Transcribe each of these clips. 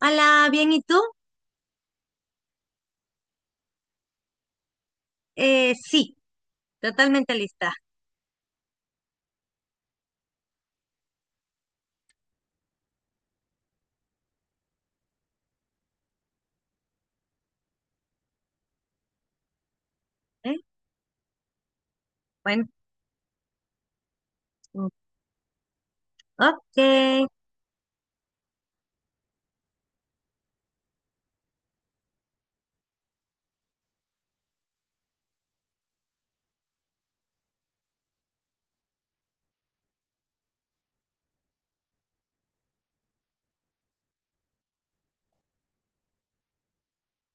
Hola, bien, ¿y tú? Sí, totalmente lista. ¿Eh? Bueno, mm, ok.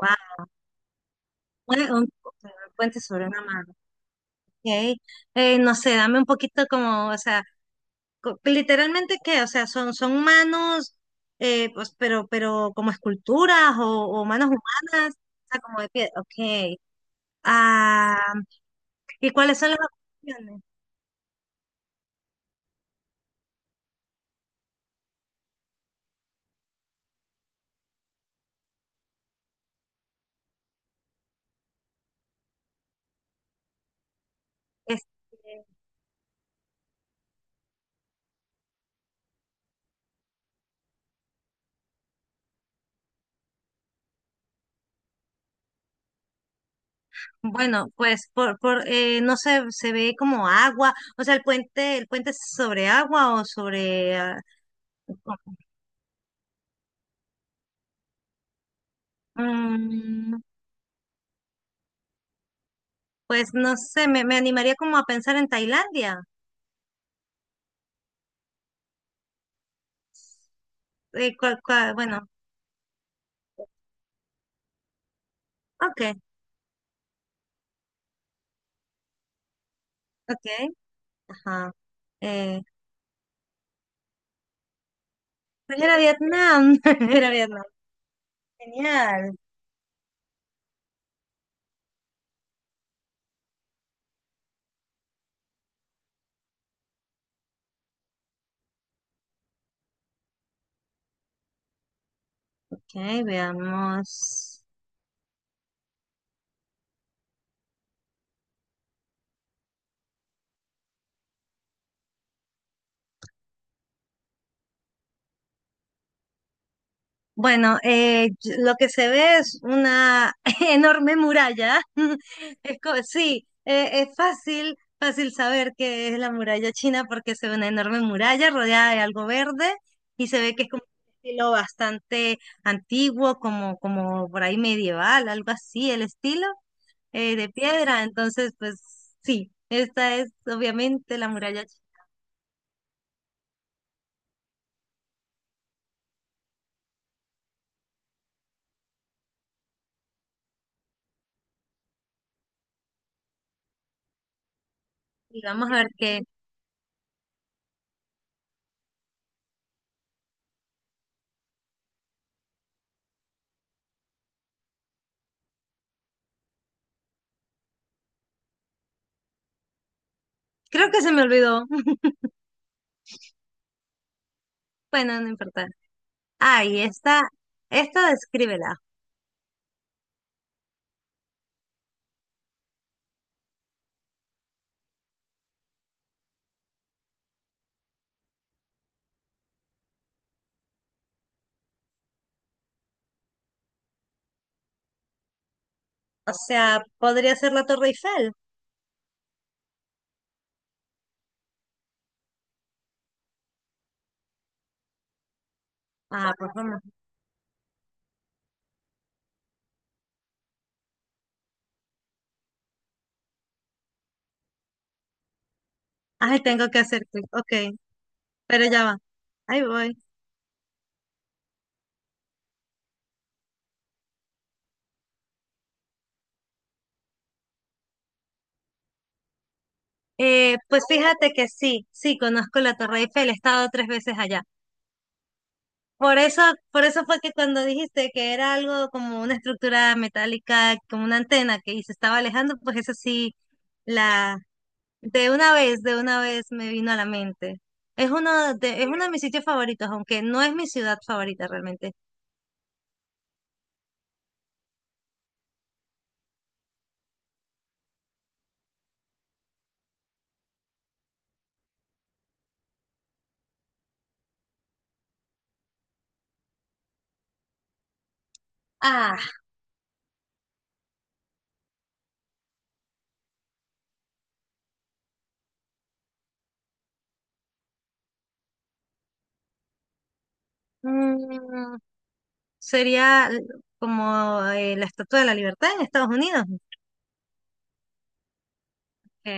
Wow. Bueno, un puente sobre una mano. Ok. No sé, dame un poquito como, o sea, literalmente qué, o sea, son manos, pues, pero como esculturas o manos humanas, o sea, como de piedra. Ok. Ah, ¿y cuáles son las opciones? Bueno, pues por no sé, se ve como agua, o sea, el puente, es sobre agua o sobremm, pues no sé, me animaría como a pensar en Tailandia. Bueno, okay, okay, ajá. Eh, pues era Vietnam, era Vietnam. Genial. Okay, veamos. Bueno, lo que se ve es una enorme muralla. Sí, es fácil, fácil saber que es la muralla china porque se ve una enorme muralla rodeada de algo verde y se ve que es como un estilo bastante antiguo, como por ahí medieval, algo así, el estilo de piedra. Entonces, pues sí, esta es obviamente la muralla china. Y vamos a ver qué. Creo que se me olvidó. Bueno, no importa. Ah, y esta descríbela. O sea, podría ser la Torre Eiffel. Ah, por favor. Ay, tengo que hacer clic. Ok, pero ya va. Ahí voy. Pues fíjate que sí, sí, conozco la Torre Eiffel, he estado tres veces allá. Por eso, por eso fue que cuando dijiste que era algo como una estructura metálica, como una antena que y se estaba alejando, pues eso sí, la de una vez me vino a la mente. Es uno de mis sitios favoritos, aunque no es mi ciudad favorita realmente. Ah. Mm, sería como la Estatua de la Libertad en Estados Unidos. Ok.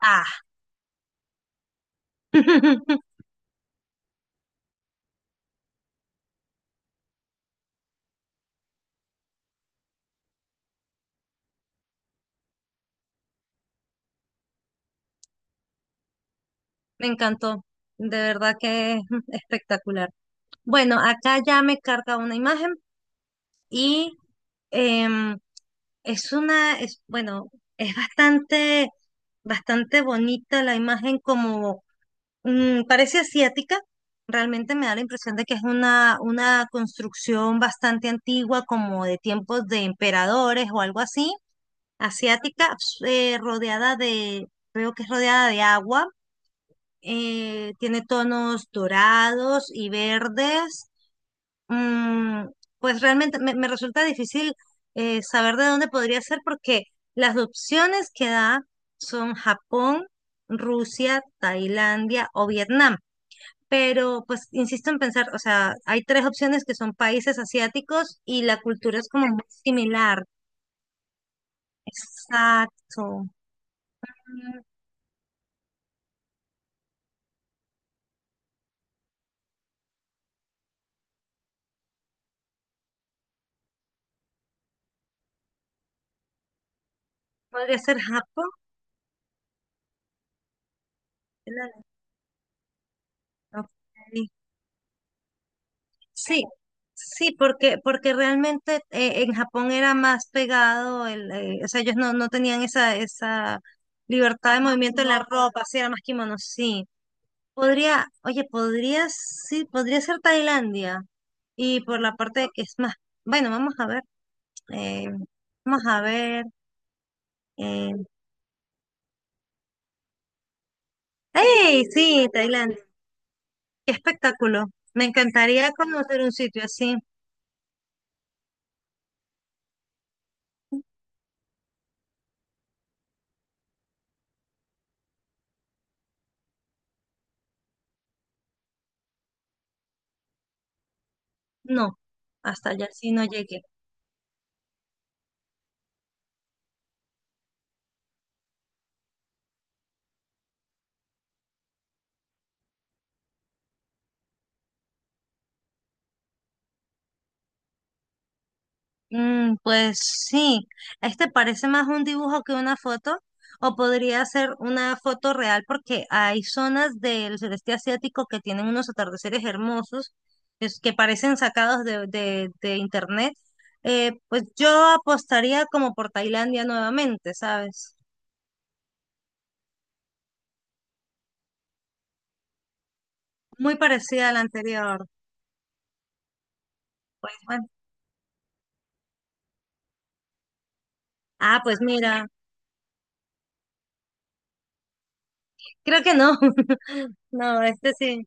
Ah, me encantó. De verdad que es espectacular. Bueno, acá ya me carga una imagen y em, bueno, es bastante, bastante bonita la imagen como parece asiática. Realmente me da la impresión de que es una construcción bastante antigua, como de tiempos de emperadores o algo así asiática, rodeada de, creo que es rodeada de agua, tiene tonos dorados y verdes. Mm, pues realmente me resulta difícil saber de dónde podría ser porque las opciones que da son Japón, Rusia, Tailandia o Vietnam. Pero pues insisto en pensar, o sea, hay tres opciones que son países asiáticos y la cultura es como muy similar. Exacto. Podría ser Japón. ¿No? Ok. Sí, sí, porque realmente en Japón era más pegado, o sea, ellos no tenían esa libertad de movimiento en la ropa, sí, era más kimono, sí. Podría, oye, podría, sí, podría ser Tailandia. Y por la parte de que es más, bueno, vamos a ver, eh, vamos a ver. Eh, ¡Ey! Sí, Tailandia. Qué espectáculo. Me encantaría conocer un sitio así. No, hasta allá sí no llegué. Pues sí, este parece más un dibujo que una foto, o podría ser una foto real porque hay zonas del sureste asiático que tienen unos atardeceres hermosos, que parecen sacados de internet. Pues yo apostaría como por Tailandia nuevamente, ¿sabes? Muy parecida a la anterior. Pues bueno. Ah, pues mira, creo que no. No, este sí.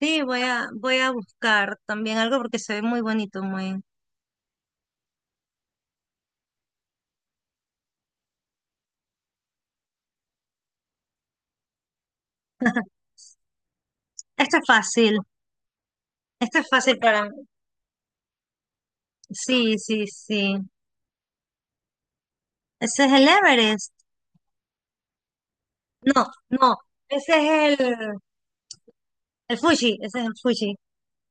Sí, voy a buscar también algo porque se ve muy bonito, muy. Este es fácil, este es fácil para mí. Sí, sí, sí. Ese es el Everest. No, no, ese es el Fuji, ese es el Fuji,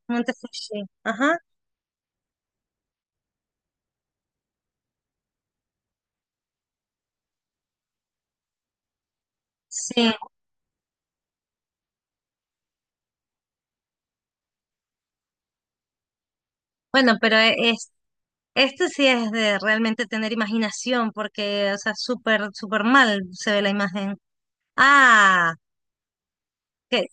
Monte Fuji. Ajá, sí. Bueno, pero este sí es de realmente tener imaginación, porque, o sea, súper, súper mal se ve la imagen. Ah, que,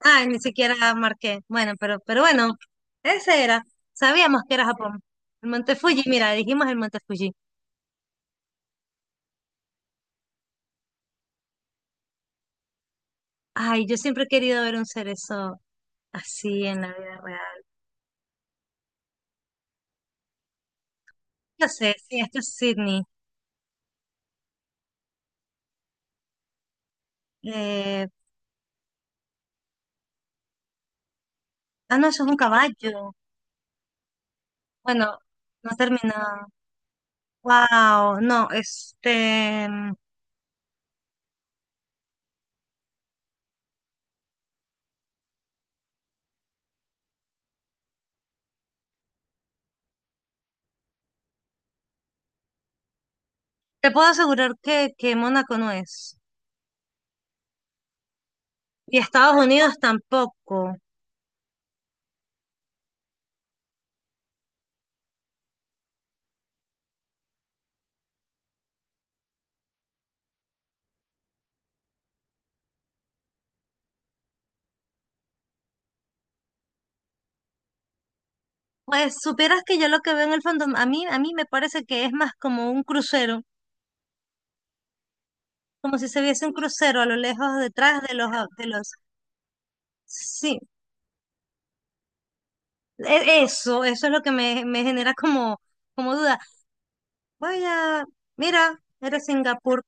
ni siquiera marqué. Bueno, pero bueno, ese era. Sabíamos que era Japón. El Monte Fuji, mira, dijimos el Monte Fuji. Ay, yo siempre he querido ver un cerezo. Así en la vida real. Yo sé, sí, esto es Sydney. Eh, no, eso es un caballo. Bueno, no ha terminado. Wow, no, te puedo asegurar que Mónaco no es. Y Estados Unidos tampoco. Pues supieras que yo lo que veo en el fondo, a mí me parece que es más como un crucero, como si se viese un crucero a lo lejos detrás de los, sí, eso es lo que me genera como duda. Vaya, mira, era Singapur,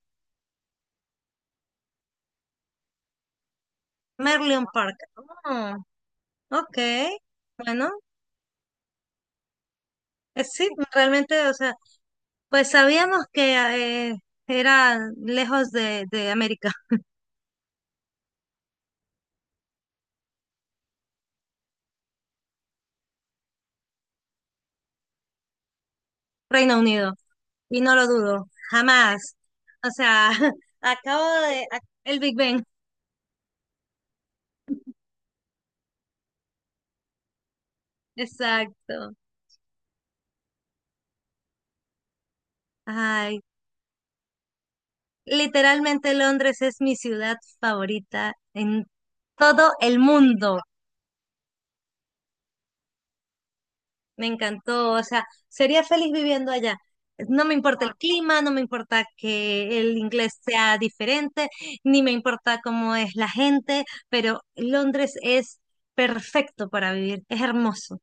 Merlion Park. Ah, ok, bueno, sí, realmente, o sea, pues sabíamos que era lejos de América. Reino Unido, y no lo dudo, jamás. O sea, el Big Ben, exacto. Ay, literalmente Londres es mi ciudad favorita en todo el mundo. Me encantó, o sea, sería feliz viviendo allá. No me importa el clima, no me importa que el inglés sea diferente, ni me importa cómo es la gente, pero Londres es perfecto para vivir, es hermoso.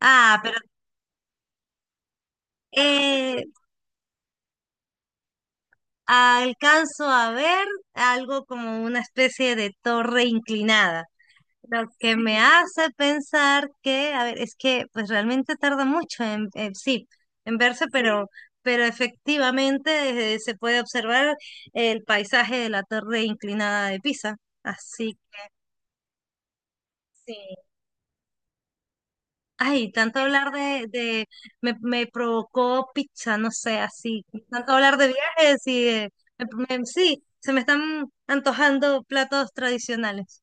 Ah, pero eh, alcanzo a ver algo como una especie de torre inclinada. Lo que me hace pensar que, a ver, es que pues realmente tarda mucho sí, en verse, pero efectivamente se puede observar el paisaje de la torre inclinada de Pisa. Así que sí. Ay, tanto hablar de me provocó pizza, no sé, así. Tanto hablar de viajes y sí, se me están antojando platos tradicionales.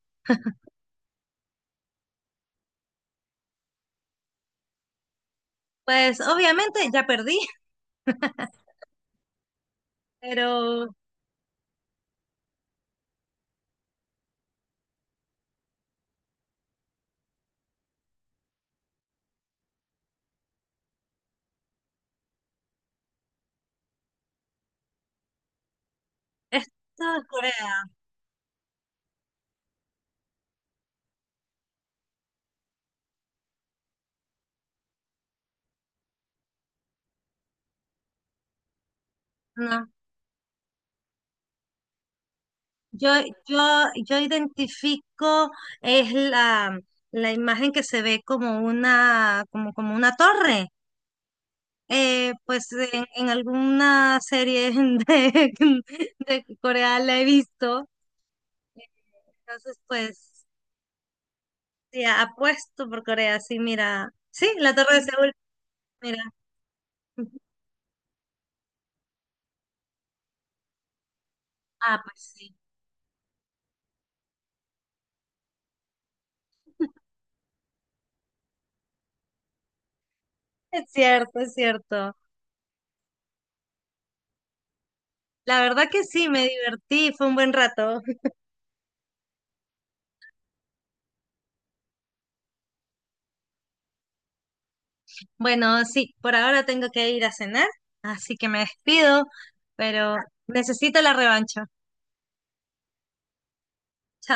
Pues obviamente ya perdí, pero esto es Corea. No, yo, yo identifico es la imagen que se ve como una torre. Pues en alguna serie de, de Corea la he visto. Entonces, pues, sí, apuesto por Corea, sí, mira. Sí, la Torre de Seúl, mira. Ah, pues sí. Es cierto, es cierto. La verdad que sí, me divertí, fue un buen rato. Bueno, sí, por ahora tengo que ir a cenar, así que me despido, pero necesito la revancha. Chao.